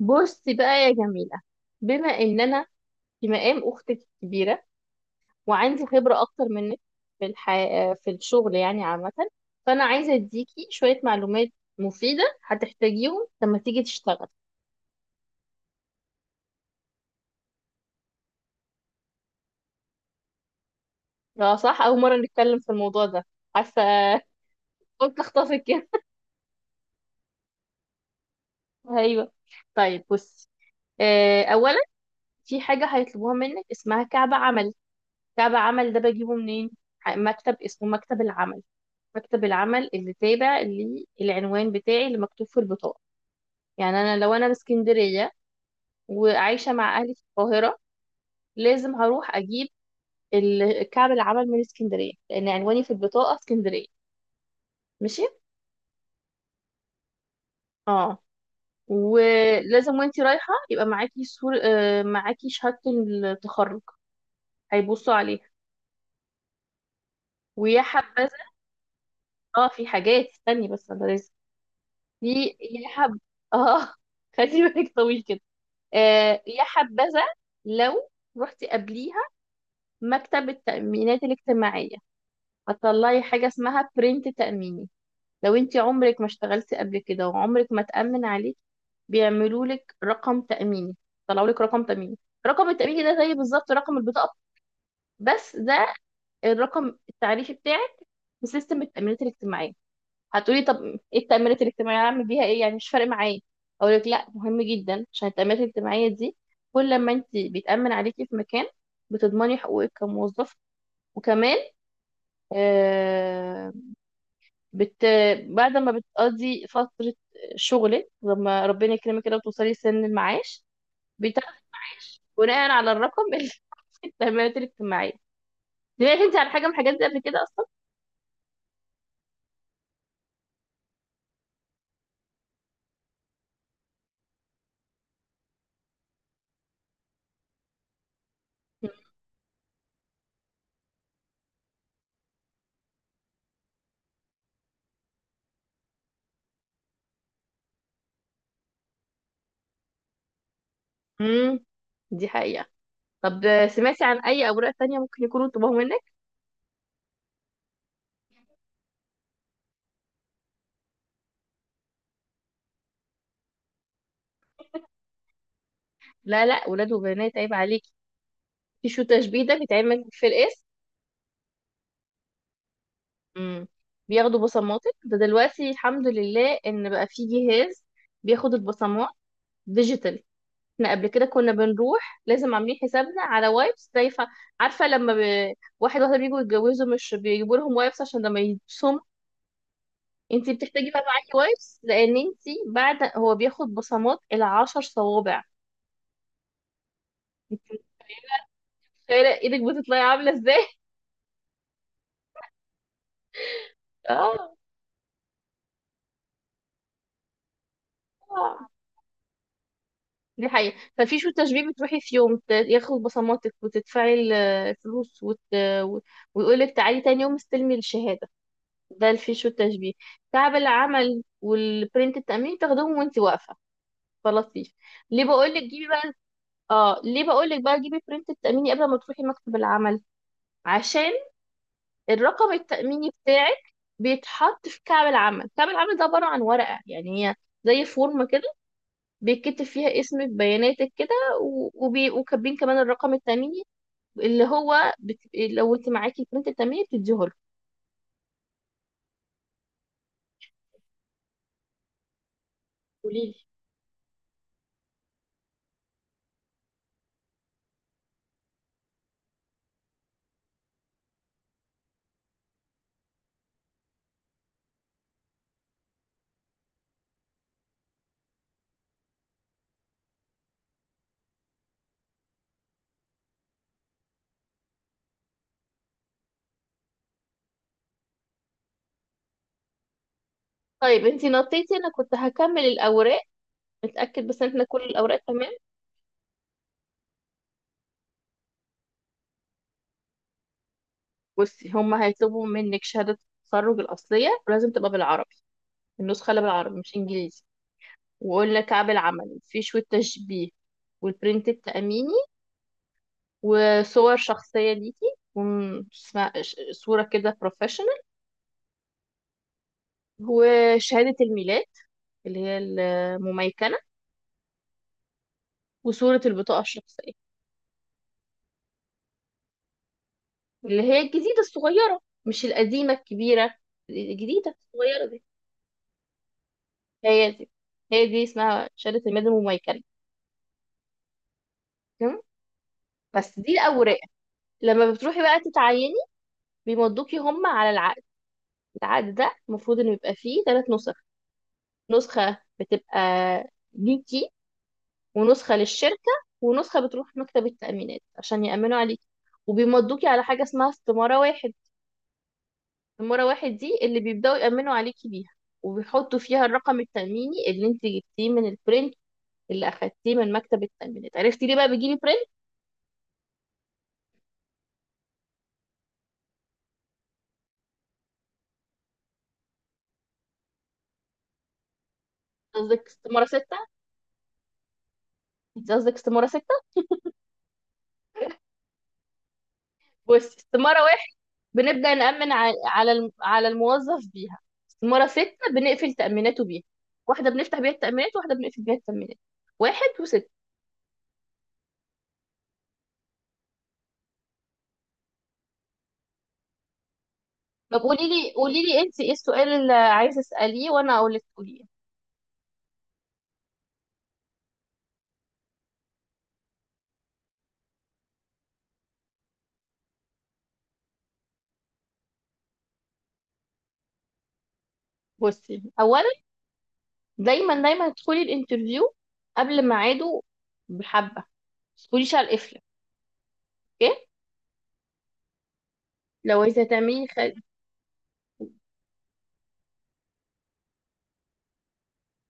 بصي بقى يا جميلة. بما ان انا في مقام اختك الكبيرة وعندي خبرة اكتر منك في الح... في الشغل يعني عامة، فانا عايزة اديكي شوية معلومات مفيدة هتحتاجيهم لما تيجي تشتغل. اه، صح، اول مرة نتكلم في الموضوع ده، عارفة. قلت اخطفك كده. ايوه. طيب بصي، اولا، في حاجة هيطلبوها منك اسمها كعب عملي. تابع عمل ده بجيبه منين؟ مكتب اسمه مكتب العمل، مكتب العمل اللي تابع للعنوان بتاعي اللي مكتوب في البطاقة. يعني أنا لو أنا من اسكندرية وعايشة مع أهلي في القاهرة، لازم هروح أجيب كعب العمل من اسكندرية لأن عنواني في البطاقة اسكندرية. ماشي؟ اه، ولازم وانتي رايحة يبقى معاكي صور، معاكي شهادة التخرج هيبصوا عليها، ويا حبذا. اه، في حاجات، استني بس، انا لازم يا حب. اه. خلي بالك طويل كده. آه، يا حبذا لو رحتي قبليها مكتب التأمينات الاجتماعية، هتطلعي حاجة اسمها برنت تأميني. لو انت عمرك ما اشتغلتي قبل كده وعمرك ما تأمن عليك، بيعملوا لك رقم تأميني، طلعوا لك رقم تأميني. رقم التأميني ده زي بالظبط رقم البطاقة، بس ده الرقم التعريفي بتاعك في سيستم التأمينات الاجتماعية. هتقولي طب ايه التأمينات الاجتماعية، هعمل بيها ايه يعني، مش فارق معايا. اقول لك، لا، مهم جدا، عشان التأمينات الاجتماعية دي كل لما انت بيتأمن عليكي في مكان، بتضمني حقوقك كموظف، وكمان، آه بت بعد ما بتقضي فترة شغلك، لما ربنا يكرمك كده وتوصلي سن المعاش، بتاخدي معاش بناء على الرقم اللي في التأمينات الاجتماعية. سمعتي انت عن حاجة من الحاجات دي قبل كده اصلا؟ امم دي حقيقة. طب، سمعتي عن اي اوراق تانية ممكن يكونوا طلبوها منك؟ لا لا، ولاد وبنات، عيب عليك. في شو تشبيه ده، بيتعمل في القسم. امم بياخدوا بصماتك. ده دلوقتي الحمد لله ان بقى في جهاز بياخد البصمات ديجيتال. احنا قبل كده كنا بنروح لازم عاملين حسابنا على وايبس دايفة، عارفة؟ واحد واحدة بيجوا يتجوزوا، مش بيجيبوا لهم وايبس عشان لما يبصموا. انتي بتحتاجي بقى معاكي وايبس لان انتي بعد هو بياخد بصمات 10 صوابع. انتي متخيلة ايدك بتطلعي عاملة ازاي؟ اه، دي حقيقة. ففي شو تشبيه بتروحي في يوم، ياخد بصماتك وتدفعي الفلوس و- ويقولك تعالي تاني يوم استلمي الشهادة. ده في شو التشبيه. تعب العمل والبرنت التأمين تاخدهم وانت واقفة، فلطيف. ليه بقولك جيبي بقى؟ اه، ليه بقولك بقى جيبي برنت التأميني قبل ما تروحي مكتب العمل؟ عشان الرقم التأميني بتاعك بيتحط في كعب العمل. كعب العمل ده عبارة عن ورقة، يعني هي زي فورمة كده، بيتكتب فيها اسمك بياناتك كده، وكاتبين كمان الرقم التأميني اللي هو لو انت معاكي البرنت التأميني بتديه له. قولي لي. طيب انت نطيتي، انا كنت هكمل الاوراق. متأكد بس ان احنا كل الاوراق تمام. بصي، هما هيطلبوا منك شهادة التخرج الأصلية، ولازم تبقى بالعربي، النسخة اللي بالعربي مش إنجليزي. وقلنا كعب العمل، في شوية تشبيه، والبرنت التأميني، وصور شخصية ليكي، صورة كده بروفيشنال، وشهادة الميلاد اللي هي المميكنة، وصورة البطاقة الشخصية اللي هي الجديدة الصغيرة، مش القديمة الكبيرة، الجديدة الصغيرة دي. هي دي، هي دي اسمها شهادة الميلاد المميكنة. تمام؟ بس دي الأوراق. لما بتروحي بقى تتعيني، بيمضوكي هم على العقد. العقد ده المفروض إنه يبقى فيه 3 نسخ: نسخة بتبقى ليكي، ونسخة للشركة، ونسخة بتروح مكتب التأمينات عشان يأمنوا عليكي. وبيمضوكي على حاجة اسمها استمارة واحد. المرة واحد دي اللي بيبدأوا يأمنوا عليكي بيها، وبيحطوا فيها الرقم التأميني اللي انت جبتيه من البرنت اللي أخدتيه من مكتب التأمينات. عرفتي ليه بقى بيجيلي برنت؟ قصدك استمارة ستة، انت قصدك استمارة ستة. بص، استمارة واحد بنبدأ نأمن على الموظف بيها، استمارة ستة بنقفل تأميناته بيها. واحدة بنفتح بيها التأمينات، واحدة بنقفل بيها التأمينات. واحد وستة. طب قولي لي، قولي لي انت ايه السؤال اللي عايزة اسأليه وانا اقول لك قوليه. بصي اولا، دايما دايما ادخلي الانترفيو قبل ميعاده، بحبه ما تدخليش على القفله. اوكي؟ لو عايزه تعملي خ...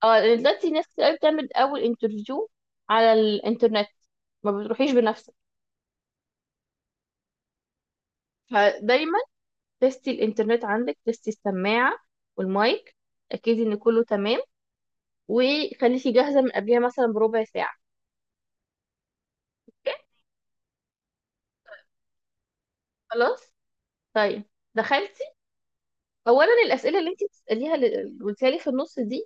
اه، دلوقتي ناس كتير قوي بتعمل اول انترفيو على الانترنت، ما بتروحيش بنفسك. فدايما تستي الانترنت عندك، تستي السماعه والمايك، اكيد ان كله تمام، وخليكي جاهزه من قبلها مثلا بربع ساعه. خلاص. طيب، دخلتي، اولا الاسئله اللي انت بتساليها اللي قلتيها لي في النص دي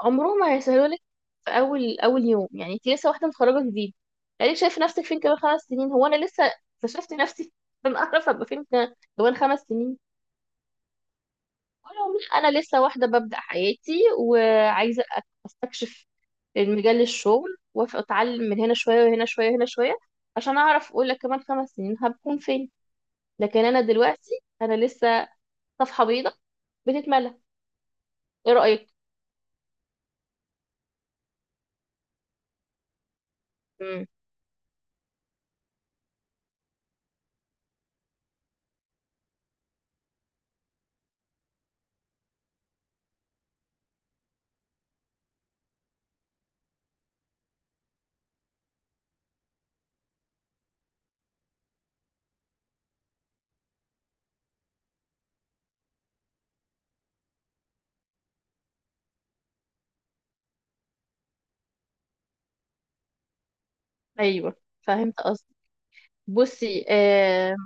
عمرهم ما هيسهلوا لك في اول اول يوم، يعني انت لسه واحده متخرجه جديد. يعني شايف نفسك فين كمان 5 سنين؟ هو انا لسه اكتشفت نفسي انا اعرف ابقى فين كمان 5 سنين؟ ولو مش، انا لسه واحده ببدا حياتي وعايزه استكشف المجال الشغل واتعلم من هنا شويه وهنا شويه وهنا شويه، عشان اعرف اقول لك كمان 5 سنين هبكون فين. لكن انا دلوقتي انا لسه صفحه بيضاء بتتملى. ايه رايك؟ امم ايوه، فهمت قصدي. بصي،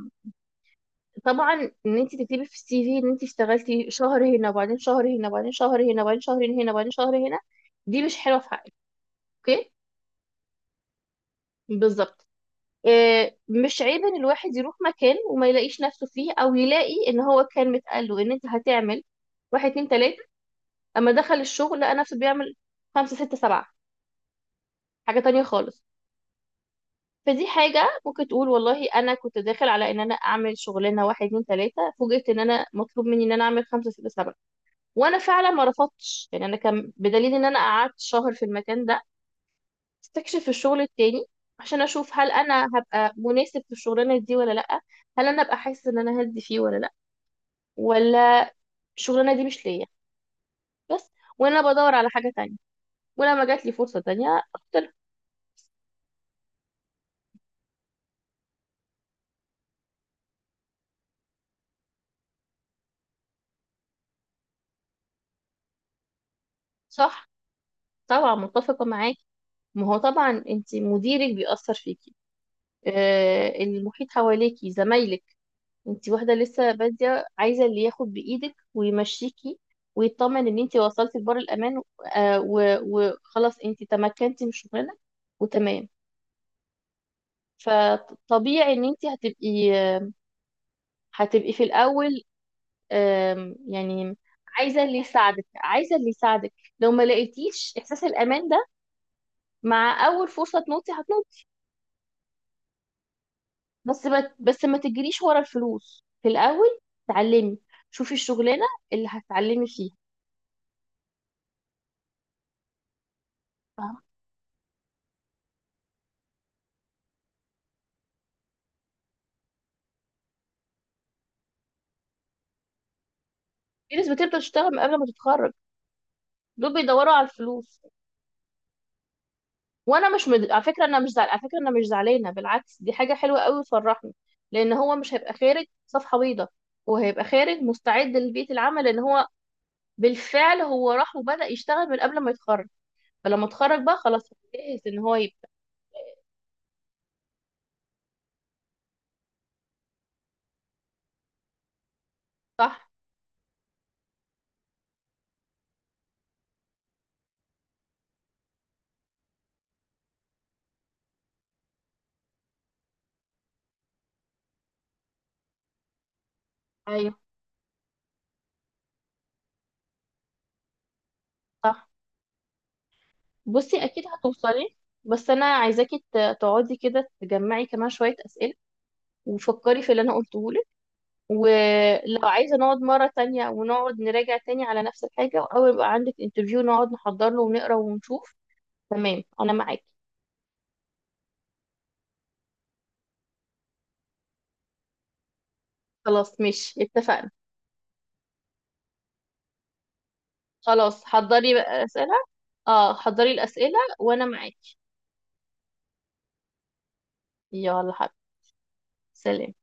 طبعا، ان انت تكتبي في السي في ان انت اشتغلتي شهر هنا وبعدين شهر هنا وبعدين شهر هنا وبعدين شهرين هنا وبعدين شهر هنا، دي مش حلوه في حقك. اوكي؟ بالظبط. مش عيب ان الواحد يروح مكان وما يلاقيش نفسه فيه، او يلاقي ان هو كان متقال له ان انت هتعمل واحد اتنين تلاته، اما دخل الشغل لقى نفسه بيعمل خمسه سته سبعه، حاجه تانية خالص. فدي حاجه ممكن تقول والله انا كنت داخل على ان انا اعمل شغلانه واحد اتنين تلاته، فوجئت ان انا مطلوب مني ان انا اعمل خمسه سته سبعه. وانا فعلا ما رفضتش، يعني انا كان بدليل ان انا قعدت شهر في المكان ده، استكشف الشغل التاني عشان اشوف هل انا هبقى مناسب في الشغلانه دي ولا لا، هل انا ابقى حاسه ان انا هدي فيه ولا لا، ولا الشغلانه دي مش ليا. بس وانا بدور على حاجه تانية، ولما جات لي فرصه تانية اختار. صح، طبعا متفقه معاكي. ما هو طبعا انت مديرك بيأثر فيكي، المحيط حواليكي، زمايلك. انت واحدة لسه بادية، عايزة اللي ياخد بإيدك ويمشيكي، ويطمن ان انت وصلتي لبر الأمان، وخلاص انت تمكنتي من شغلنا وتمام. فطبيعي ان انت هتبقي في الأول، يعني عايزة اللي يساعدك، عايزة اللي يساعدك. لو ما لقيتيش إحساس الأمان ده، مع أول فرصة تنطي هتنطي. بس ما تجريش ورا الفلوس في الأول. اتعلمي، شوفي الشغلانة اللي هتتعلمي فيها. في ناس بتبدأ تشتغل من قبل ما تتخرج، دول بيدوروا على الفلوس. وانا مش على فكره انا مش على فكره انا مش زعلانه، بالعكس، دي حاجه حلوه قوي وتفرحني، لان هو مش هيبقى خارج صفحه بيضاء، هو هيبقى خارج مستعد لبيئه العمل، لان هو بالفعل هو راح وبدأ يشتغل من قبل ما يتخرج. فلما اتخرج بقى خلاص هو جاهز ان هو يبدأ. صح. ايوه. صح. بصي اكيد هتوصلي. بس انا عايزاكي تقعدي كده تجمعي كمان شويه اسئله، وفكري في اللي انا قلته. ولو عايزة نقعد مرة تانية ونقعد نراجع تاني على نفس الحاجة، أو يبقى عندك انترفيو نقعد نحضر له ونقرا ونشوف. تمام، أنا معاكي. خلاص، ماشي، اتفقنا. خلاص، حضري بقى أسئلة. اه، حضري الأسئلة وأنا معاكي. يلا حبيبي، سلام.